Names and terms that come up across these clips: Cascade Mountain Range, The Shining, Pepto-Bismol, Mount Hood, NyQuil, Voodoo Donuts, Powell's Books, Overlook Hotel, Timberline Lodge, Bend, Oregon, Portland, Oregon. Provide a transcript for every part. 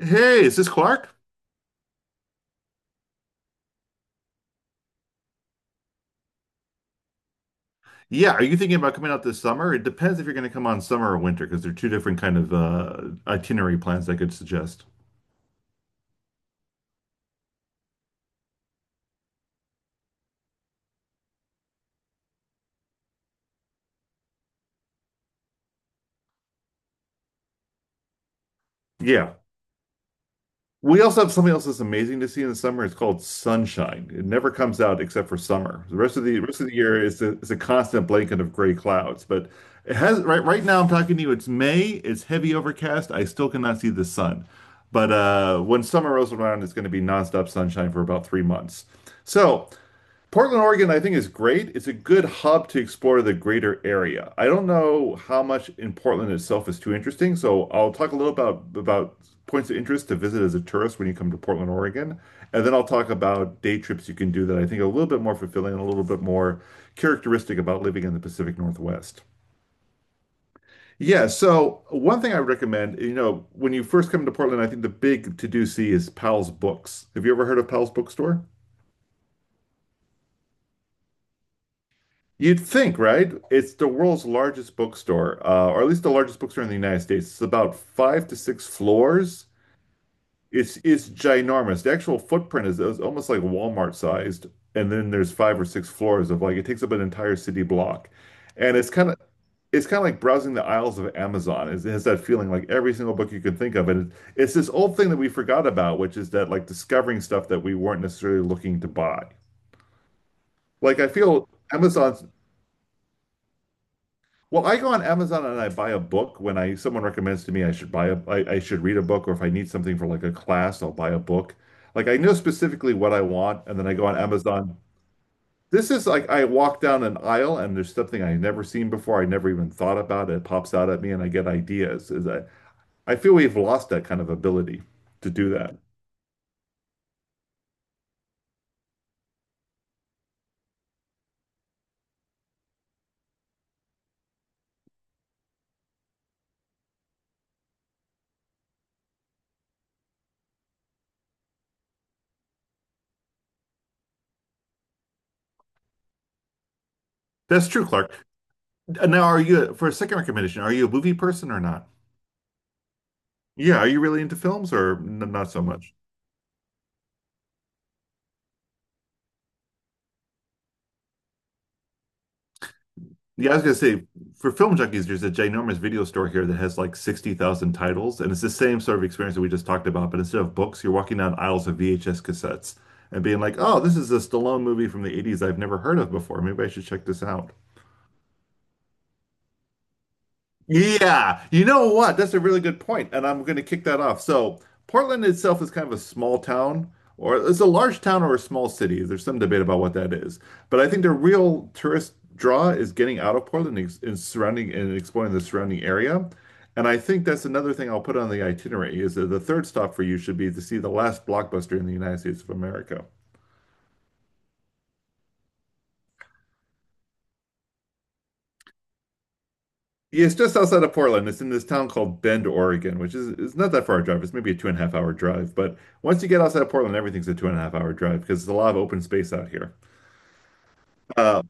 Hey, is this Clark? Yeah, are you thinking about coming out this summer? It depends if you're going to come on summer or winter because they're two different kind of itinerary plans I could suggest. Yeah. We also have something else that's amazing to see in the summer. It's called sunshine. It never comes out except for summer. The rest of the year is a constant blanket of gray clouds. But it has right right now I'm talking to you. It's May. It's heavy overcast. I still cannot see the sun. But when summer rolls around, it's going to be nonstop sunshine for about 3 months. So. Portland, Oregon, I think is great. It's a good hub to explore the greater area. I don't know how much in Portland itself is too interesting, so I'll talk a little about points of interest to visit as a tourist when you come to Portland, Oregon, and then I'll talk about day trips you can do that I think are a little bit more fulfilling and a little bit more characteristic about living in the Pacific Northwest. Yeah, so one thing I recommend, when you first come to Portland, I think the big to-do see is Powell's Books. Have you ever heard of Powell's Bookstore? You'd think, right? It's the world's largest bookstore, or at least the largest bookstore in the United States. It's about five to six floors. It's ginormous. The actual footprint is almost like Walmart sized, and then there's five or six floors of like it takes up an entire city block, and it's kind of like browsing the aisles of Amazon. It has that feeling like every single book you can think of, it's this old thing that we forgot about, which is that like discovering stuff that we weren't necessarily looking to buy. Like I feel Amazon's Well, I go on Amazon and I buy a book when I someone recommends to me I should buy a I should read a book, or if I need something for like a class, I'll buy a book. Like I know specifically what I want and then I go on Amazon. This is like I walk down an aisle and there's something I've never seen before. I never even thought about it. It pops out at me and I get ideas. I feel we've lost that kind of ability to do that. That's true, Clark. Now, are you for a second recommendation, are you a movie person or not? Yeah, are you really into films or n not so much? Yeah, I was gonna say for film junkies, there's a ginormous video store here that has like 60,000 titles, and it's the same sort of experience that we just talked about. But instead of books, you're walking down aisles of VHS cassettes and being like, "Oh, this is a Stallone movie from the 80s I've never heard of before. Maybe I should check this out." Yeah, you know what? That's a really good point, and I'm going to kick that off. So, Portland itself is kind of a small town, or it's a large town or a small city. There's some debate about what that is. But I think the real tourist draw is getting out of Portland and, and surrounding and exploring the surrounding area. And I think that's another thing I'll put on the itinerary is that the third stop for you should be to see the last blockbuster in the United States of America. Yeah, it's just outside of Portland. It's in this town called Bend, Oregon, which is it's not that far a drive. It's maybe a two and a half hour drive. But once you get outside of Portland, everything's a two and a half hour drive because there's a lot of open space out here. Uh,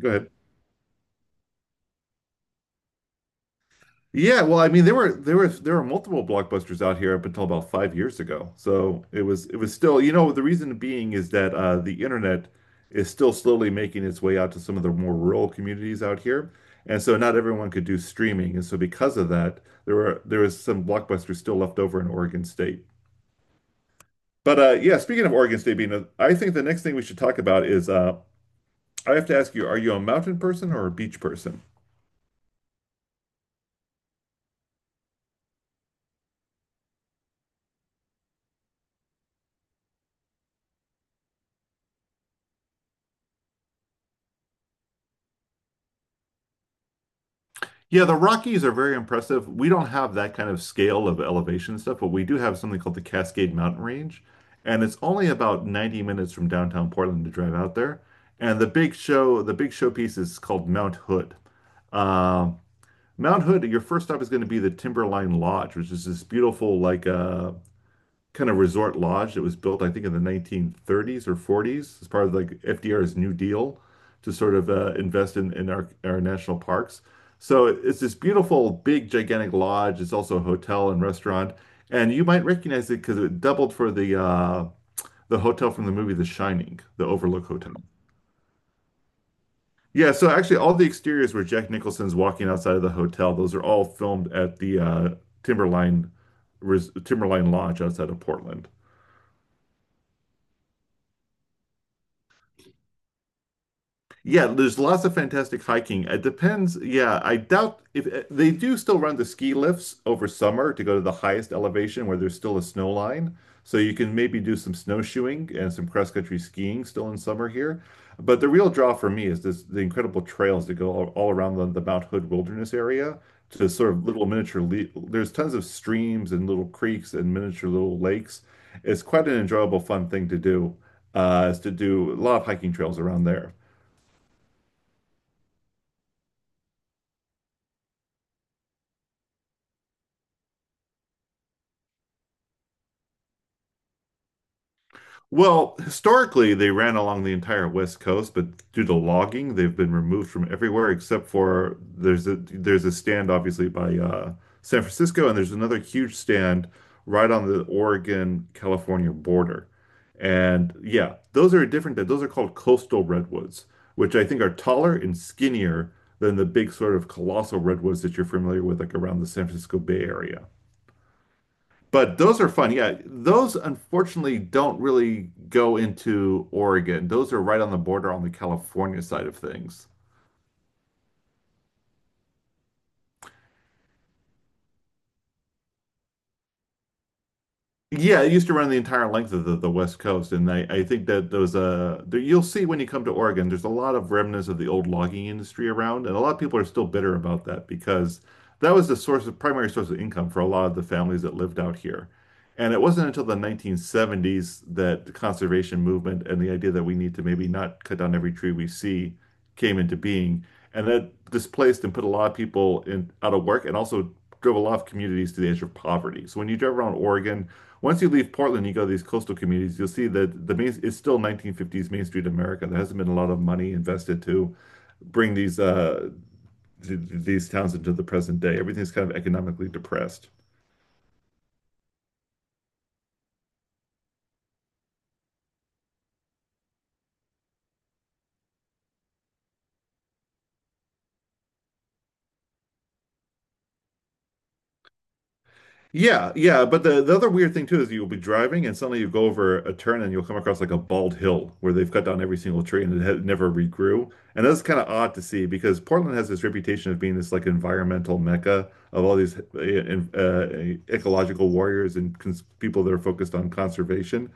Go ahead. Yeah, well, I mean, there were multiple blockbusters out here up until about 5 years ago. So it was still, you know, the reason being is that the internet is still slowly making its way out to some of the more rural communities out here, and so not everyone could do streaming, and so because of that, there was some blockbusters still left over in Oregon State. But yeah, speaking of Oregon State being, a, I think the next thing we should talk about is I have to ask you, are you a mountain person or a beach person? Yeah, the Rockies are very impressive. We don't have that kind of scale of elevation stuff, but we do have something called the Cascade Mountain Range, and it's only about 90 minutes from downtown Portland to drive out there. And the big show, the big showpiece is called Mount Hood. Um Mount Hood, your first stop is going to be the Timberline Lodge, which is this beautiful like kind of resort lodge that was built, I think, in the 1930s or 40s as part of like FDR's New Deal to sort of invest in, our national parks. So it's this beautiful, big, gigantic lodge. It's also a hotel and restaurant. And you might recognize it because it doubled for the hotel from the movie The Shining, the Overlook Hotel. Yeah, so actually, all the exteriors where Jack Nicholson's walking outside of the hotel, those are all filmed at the Timberline Timberline Lodge outside of Portland. Yeah, there's lots of fantastic hiking. It depends. Yeah, I doubt if they do still run the ski lifts over summer to go to the highest elevation where there's still a snow line. So you can maybe do some snowshoeing and some cross-country skiing still in summer here. But the real draw for me is this, the incredible trails that go all around the Mount Hood Wilderness area to sort of little miniature le there's tons of streams and little creeks and miniature little lakes. It's quite an enjoyable, fun thing to do, is to do a lot of hiking trails around there. Well, historically, they ran along the entire West Coast, but due to logging, they've been removed from everywhere except for there's a stand obviously by San Francisco, and there's another huge stand right on the Oregon-California border. And yeah, those are different. Those are called coastal redwoods, which I think are taller and skinnier than the big sort of colossal redwoods that you're familiar with, like around the San Francisco Bay Area. But those are fun. Yeah, those unfortunately don't really go into Oregon. Those are right on the border on the California side of things. Yeah, it used to run the entire length of the West Coast, and I think that those there, you'll see when you come to Oregon, there's a lot of remnants of the old logging industry around, and a lot of people are still bitter about that because that was the source of primary source of income for a lot of the families that lived out here. And it wasn't until the 1970s that the conservation movement and the idea that we need to maybe not cut down every tree we see came into being, and that displaced and put a lot of people in out of work and also drove a lot of communities to the edge of poverty. So when you drive around Oregon, once you leave Portland, you go to these coastal communities, you'll see that it's still 1950s Main Street America. There hasn't been a lot of money invested to bring th these towns into the present day. Everything's kind of economically depressed. Yeah, yeah, but the other weird thing too is you'll be driving and suddenly you go over a turn and you'll come across like a bald hill where they've cut down every single tree and it had never regrew. And that's kind of odd to see because Portland has this reputation of being this like environmental mecca of all these ecological warriors and cons people that are focused on conservation.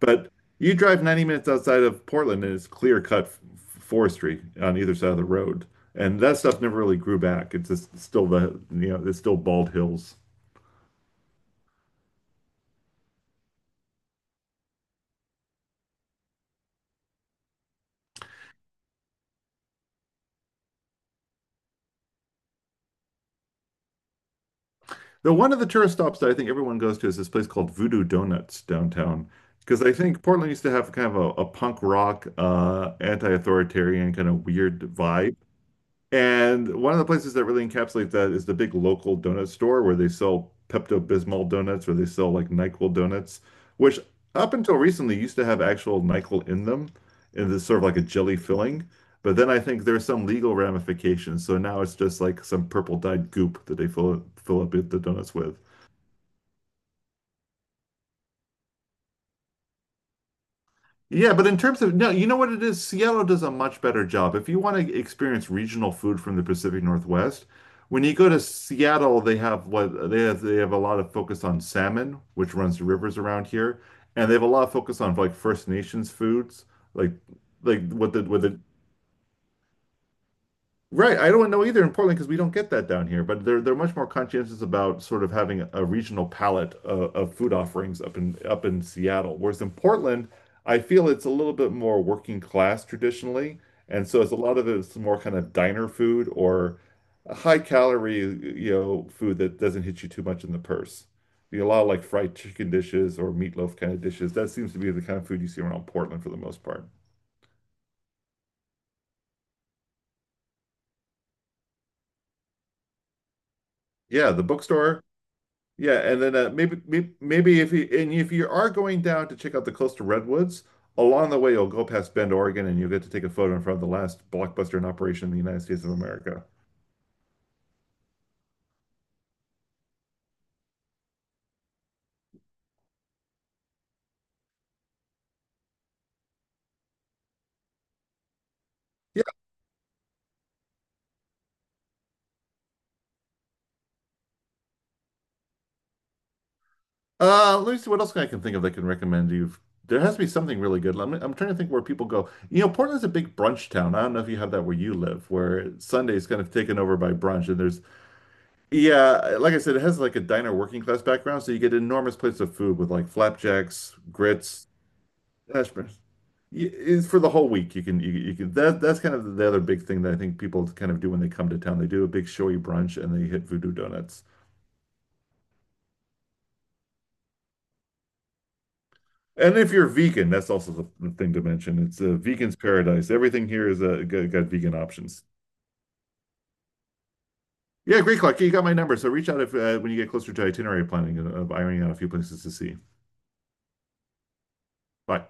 But you drive 90 minutes outside of Portland and it's clear cut forestry on either side of the road. And that stuff never really grew back. It's just still the, you know, it's still bald hills. The One of the tourist stops that I think everyone goes to is this place called Voodoo Donuts downtown. Because I think Portland used to have kind of a punk rock, anti-authoritarian kind of weird vibe. And one of the places that really encapsulates that is the big local donut store where they sell Pepto-Bismol donuts, where they sell like NyQuil donuts, which up until recently used to have actual NyQuil in them, in this sort of like a jelly filling. But then I think there's some legal ramifications. So now it's just like some purple dyed goop that they fill up the donuts with. Yeah, but in terms of no, you know what it is? Seattle does a much better job. If you want to experience regional food from the Pacific Northwest, when you go to Seattle, they have what they have a lot of focus on salmon, which runs the rivers around here, and they have a lot of focus on like First Nations foods, like like what the Right. I don't know either in Portland because we don't get that down here, but they're much more conscientious about sort of having a regional palette of food offerings up in up in Seattle. Whereas in Portland, I feel it's a little bit more working class traditionally, and so it's a lot of it's more kind of diner food or high calorie, food that doesn't hit you too much in the purse. You know, a lot of like fried chicken dishes or meatloaf kind of dishes. That seems to be the kind of food you see around Portland for the most part. Yeah, the bookstore. Yeah, and then maybe if you and if you are going down to check out the coastal redwoods, along the way you'll go past Bend, Oregon, and you'll get to take a photo in front of the last blockbuster in operation in the United States of America. Yeah. Let me see what else I can think of that I can recommend you. There has to be something really good. I'm trying to think where people go. You know, Portland's a big brunch town. I don't know if you have that where you live, where Sunday's kind of taken over by brunch. And there's, yeah, like I said, it has like a diner working class background, so you get enormous plates of food with like flapjacks, grits, hash It's for the whole week. You can that's kind of the other big thing that I think people kind of do when they come to town. They do a big showy brunch and they hit Voodoo Donuts. And if you're vegan, that's also the thing to mention. It's a vegan's paradise. Everything here is got vegan options. Yeah, great, Clark. You got my number, so reach out if when you get closer to itinerary planning of ironing out a few places to see. Bye.